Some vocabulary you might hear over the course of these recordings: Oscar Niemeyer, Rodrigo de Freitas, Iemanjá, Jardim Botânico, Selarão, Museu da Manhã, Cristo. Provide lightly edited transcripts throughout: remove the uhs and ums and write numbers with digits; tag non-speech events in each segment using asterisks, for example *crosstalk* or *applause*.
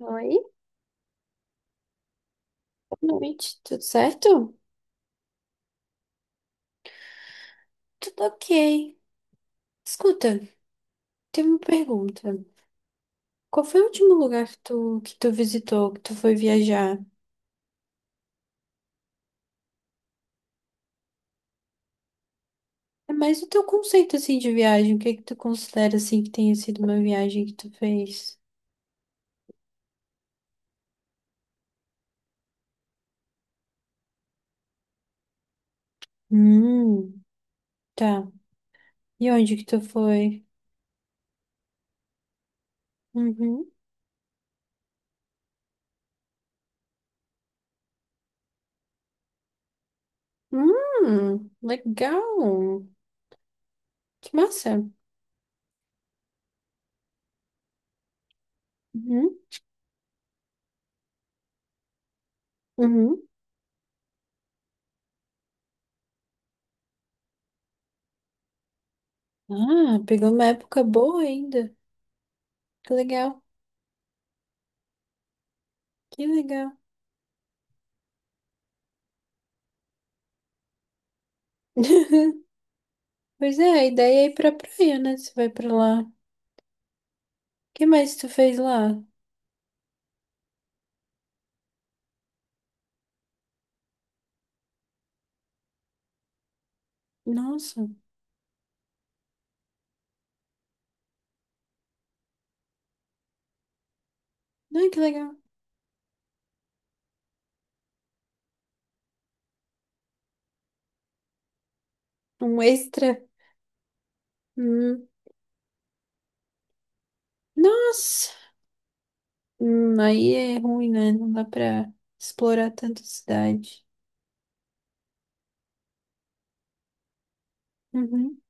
Oi, boa noite, tudo certo? Tudo ok. Escuta, tem uma pergunta. Qual foi o último lugar que tu visitou, que tu foi viajar? É mais o teu conceito, assim, de viagem. O que é que tu considera, assim, que tenha sido uma viagem que tu fez? Hum, tá. E onde que tu foi? Uhum. Legal. Que massa. Uhum, uhum. Ah, pegou uma época boa ainda. Que legal, que legal. *laughs* Pois é, a ideia é ir pra praia, né? Você vai pra lá. O que mais tu fez lá? Nossa, ai que legal. Um extra. Hum. Nossa. Aí é ruim, né? Não dá pra explorar tanto a cidade. Uhum,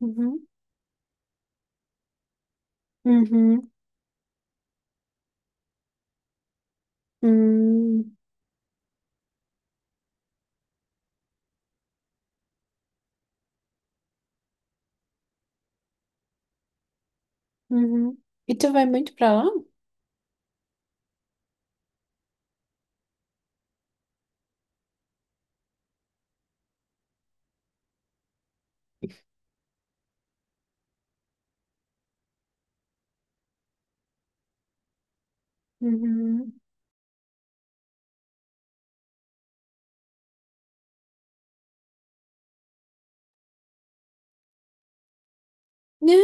uhum, uhum, hum, uhum. E tu vai muito pra lá? Uhum. Né?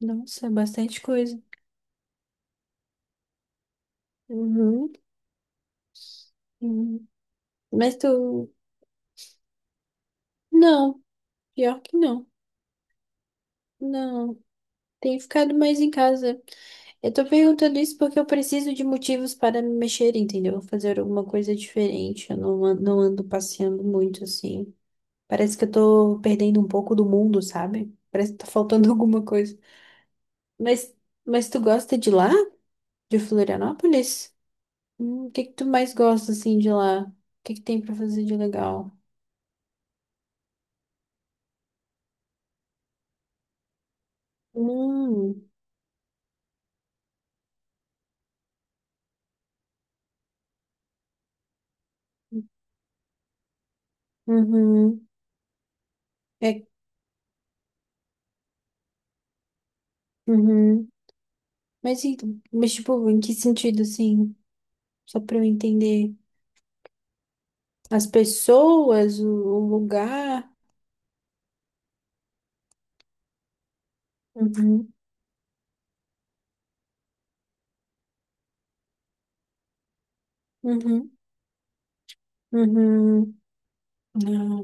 Nossa, é bastante coisa. Uhum, uhum. Mas tu. Não, pior que não. Não. Tem ficado mais em casa. Eu tô perguntando isso porque eu preciso de motivos para me mexer, entendeu? Fazer alguma coisa diferente. Eu não, não ando passeando muito assim. Parece que eu tô perdendo um pouco do mundo, sabe? Parece que tá faltando *laughs* alguma coisa. Mas, mas tu gosta de lá? De Florianópolis? O que que tu mais gosta assim de lá? O que que tem pra fazer de legal? Hum, uhum. É, uhum. Mas, e- mas tipo, em que sentido assim? Só pra eu entender. As pessoas, o lugar. Uhum, uhum, uhum. Ah.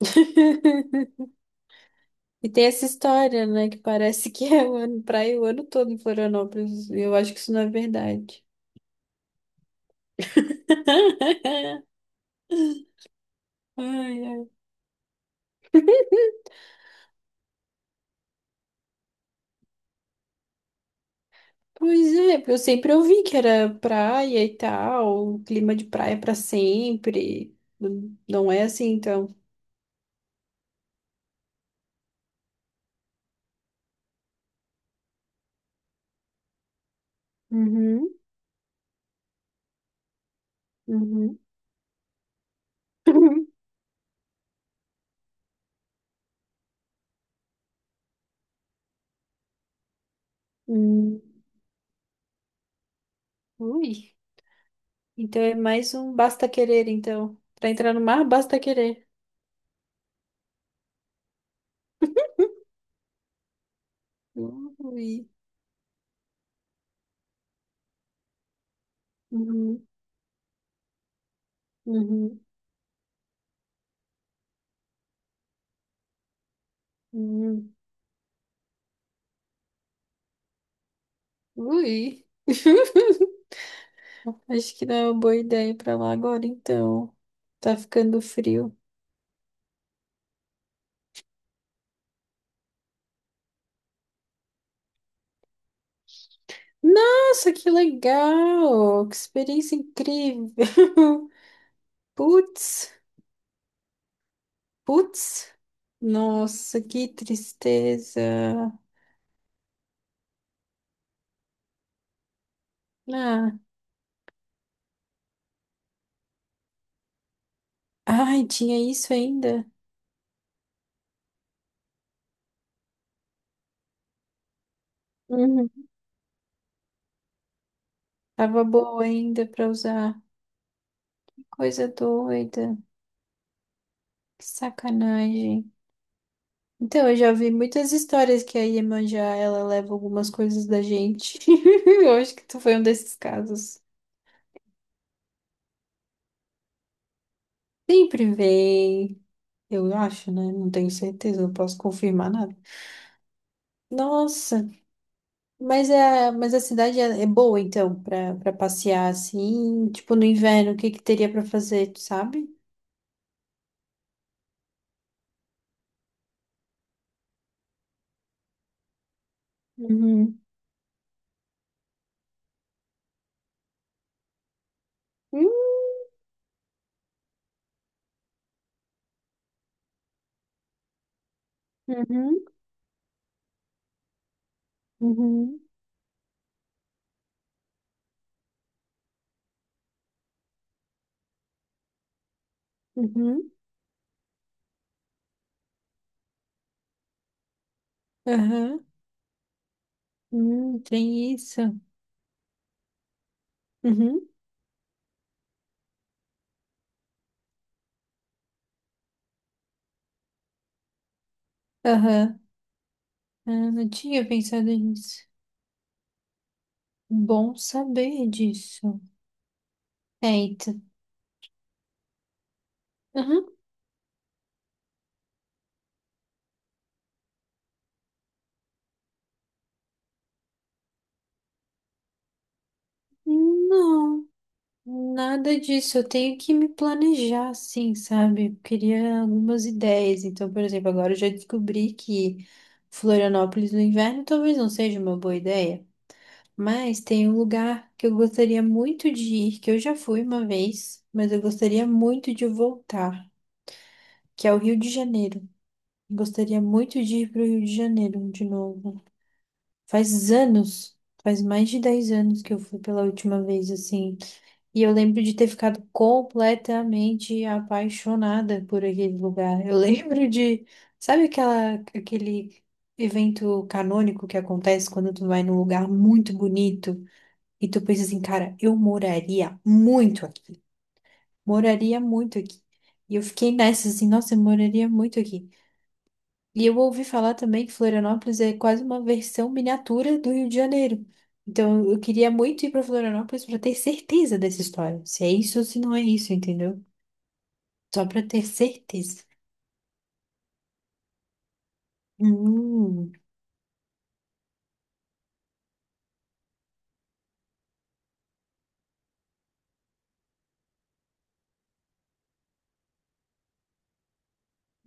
*laughs* E tem essa história, né? Que parece que é o ano, praia o ano todo em Florianópolis. Eu acho que isso não é verdade. *laughs* Ai, ai. Pois é, porque eu sempre ouvi que era praia e tal, clima de praia pra sempre. Não é assim, então. Uhum, uhum. *laughs* Hum. Ui. Então é mais um basta querer, então. Pra entrar no mar, basta querer. Ui. *laughs* Uhum. Uhum. Uhum. Ui. *laughs* Acho que não é uma boa ideia ir pra lá agora, então. Tá ficando frio. Nossa, que legal! Que experiência incrível! *laughs* Putz, putz. Nossa, que tristeza. Ah, ai, tinha isso ainda? Uhum. Tava boa ainda pra usar. Coisa doida. Que sacanagem. Então, eu já vi muitas histórias que a Iemanjá, ela leva algumas coisas da gente. *laughs* Eu acho que tu foi um desses casos. Sempre vem. Eu acho, né? Não tenho certeza, não posso confirmar nada. Nossa, mas a cidade é boa, então, pra passear assim, tipo no inverno, o que que teria pra fazer, tu sabe? Uhum. Hum. Uhum, uhum, uhum, aham. Tem isso. Uhum. Aham. Ah, não tinha pensado nisso. Bom saber disso. Eita. Aham. Não, nada disso. Eu tenho que me planejar, assim, sabe? Eu queria algumas ideias. Então, por exemplo, agora eu já descobri que Florianópolis no inverno talvez não seja uma boa ideia. Mas tem um lugar que eu gostaria muito de ir, que eu já fui uma vez, mas eu gostaria muito de voltar, que é o Rio de Janeiro. Gostaria muito de ir para o Rio de Janeiro de novo. Faz anos, faz mais de 10 anos que eu fui pela última vez, assim. E eu lembro de ter ficado completamente apaixonada por aquele lugar. Eu *laughs* lembro de, sabe aquele evento canônico que acontece quando tu vai num lugar muito bonito e tu pensa assim, cara, eu moraria muito aqui. Moraria muito aqui. E eu fiquei nessa, assim, nossa, eu moraria muito aqui. E eu ouvi falar também que Florianópolis é quase uma versão miniatura do Rio de Janeiro. Então eu queria muito ir para Florianópolis para ter certeza dessa história. Se é isso ou se não é isso, entendeu? Só para ter certeza. Hum,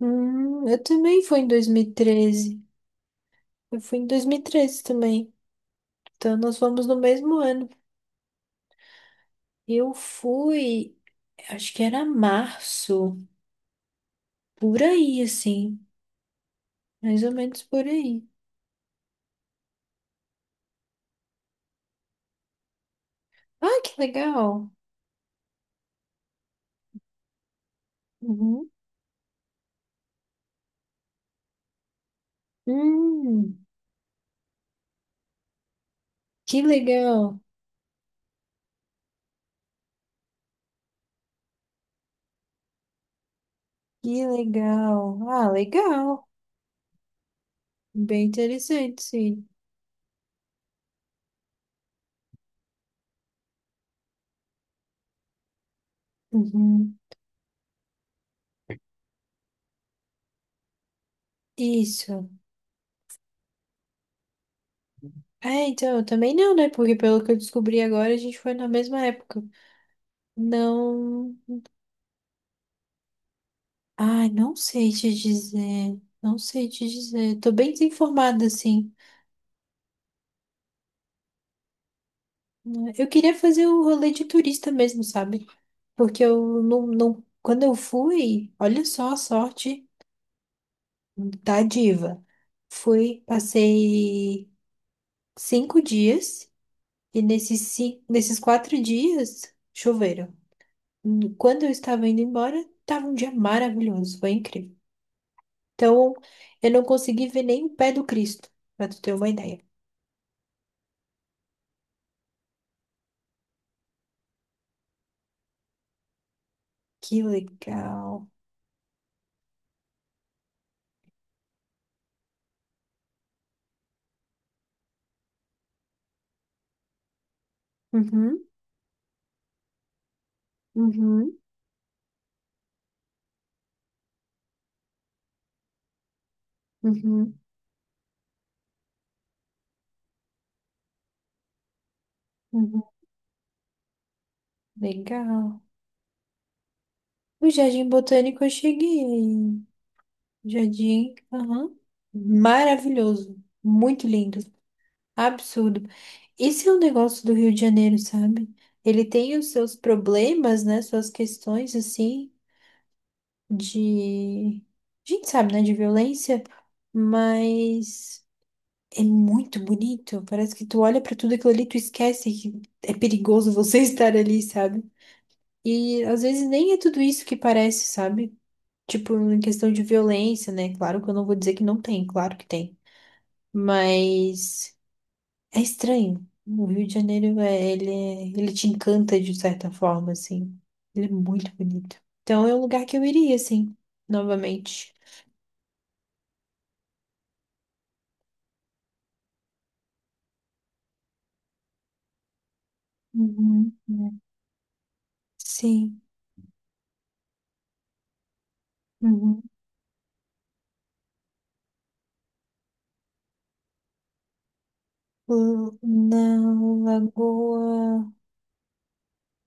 eu também fui em 2013. Eu fui em 2013 também. Então nós fomos no mesmo ano. Eu fui, acho que era março, por aí, assim. Mais ou menos por aí. Ah, que legal! Uhum. Hum. Que legal, que legal. Ah, legal. Bem interessante, sim. Uhum. Isso. É, então, eu também não, né? Porque pelo que eu descobri agora, a gente foi na mesma época. Não. Ai, não sei te dizer. Não sei te dizer. Tô bem desinformada, assim. Eu queria fazer o rolê de turista mesmo, sabe? Porque eu não, não. Quando eu fui, olha só a sorte da diva. Fui, passei 5 dias e nesses 4 dias choveram. Quando eu estava indo embora, estava um dia maravilhoso, foi incrível. Então, eu não consegui ver nem o pé do Cristo, para tu ter uma ideia. Que legal. Uhum, uhum, uhum, uhum. Legal. O Jardim Botânico eu cheguei aí. Jardim, aham. Maravilhoso, muito lindo, absurdo. Esse é o negócio do Rio de Janeiro, sabe? Ele tem os seus problemas, né? Suas questões, assim, de. A gente sabe, né? De violência, mas é muito bonito. Parece que tu olha pra tudo aquilo ali, tu esquece que é perigoso você *laughs* estar ali, sabe? E às vezes nem é tudo isso que parece, sabe? Tipo, em questão de violência, né? Claro que eu não vou dizer que não tem, claro que tem. Mas. É estranho. O Rio de Janeiro, é, ele te encanta de certa forma, assim. Ele é muito bonito. Então é um lugar que eu iria, assim, novamente. Uhum, né? Sim. Uhum. L- Na Lagoa.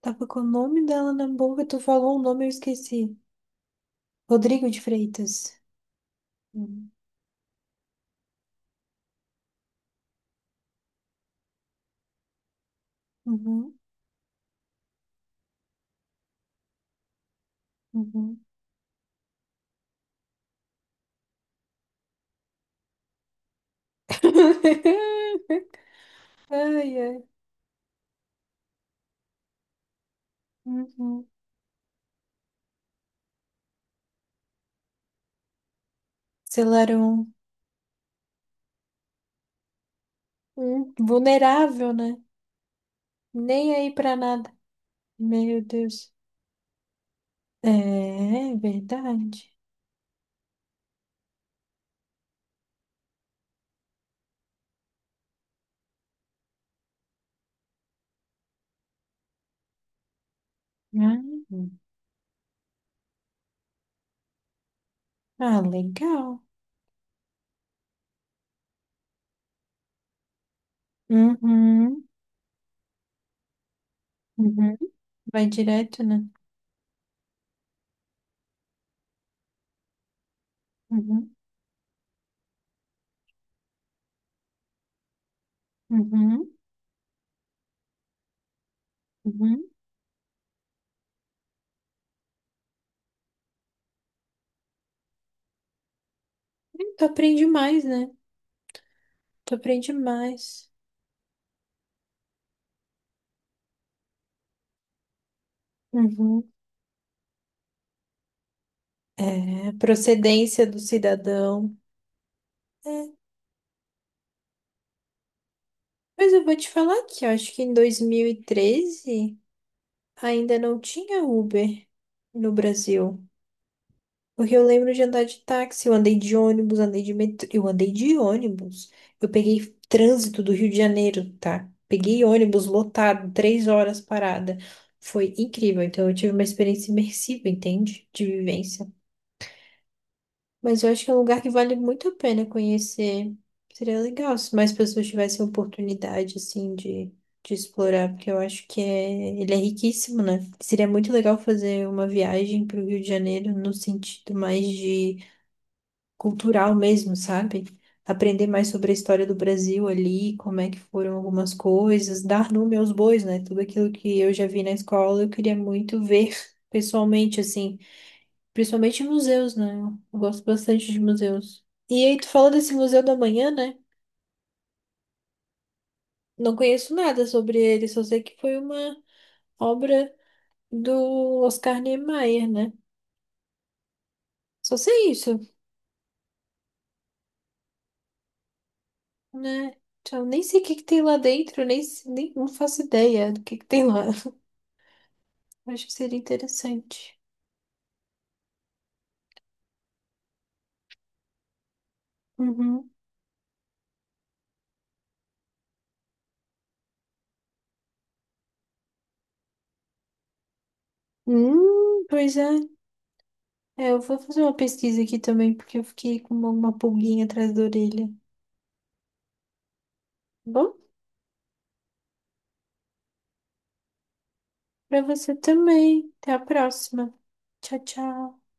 Tava com o nome dela na boca, tu falou um nome, eu esqueci. Rodrigo de Freitas. Uhum. Uhum. Uhum. *laughs* Ai, ai. Uhum. Selarão. Vulnerável, né? Nem aí pra nada. Meu Deus. É, é verdade. Ah, ah, legal. Uhum, uhum. Vai direto, né? Uhum, uhum, uhum. Tu aprende mais, né? Tu aprende mais. Uhum. É, procedência do cidadão. É. Mas eu vou te falar que eu acho que em 2013 ainda não tinha Uber no Brasil. Porque eu lembro de andar de táxi, eu andei de ônibus, andei de metrô, eu andei de ônibus. Eu peguei trânsito do Rio de Janeiro, tá? Peguei ônibus lotado, 3 horas parada. Foi incrível. Então eu tive uma experiência imersiva, entende? De vivência. Mas eu acho que é um lugar que vale muito a pena conhecer. Seria legal se mais pessoas tivessem a oportunidade, assim, de, explorar, porque eu acho que é, ele é riquíssimo, né? Seria muito legal fazer uma viagem para o Rio de Janeiro no sentido mais de cultural mesmo, sabe? Aprender mais sobre a história do Brasil ali, como é que foram algumas coisas, dar nome aos bois, né? Tudo aquilo que eu já vi na escola, eu queria muito ver *laughs* pessoalmente, assim, principalmente em museus, né? Eu gosto bastante de museus. E aí, tu falou desse Museu da Manhã, né? Não conheço nada sobre ele, só sei que foi uma obra do Oscar Niemeyer, né? Só sei isso, né? Então, nem sei o que que tem lá dentro, nem não faço ideia do que tem lá. Acho que seria interessante. Uhum. Pois é. É, eu vou fazer uma pesquisa aqui também, porque eu fiquei com uma pulguinha atrás da orelha. Tá. Bom, pra você também. Até a próxima. Tchau, tchau.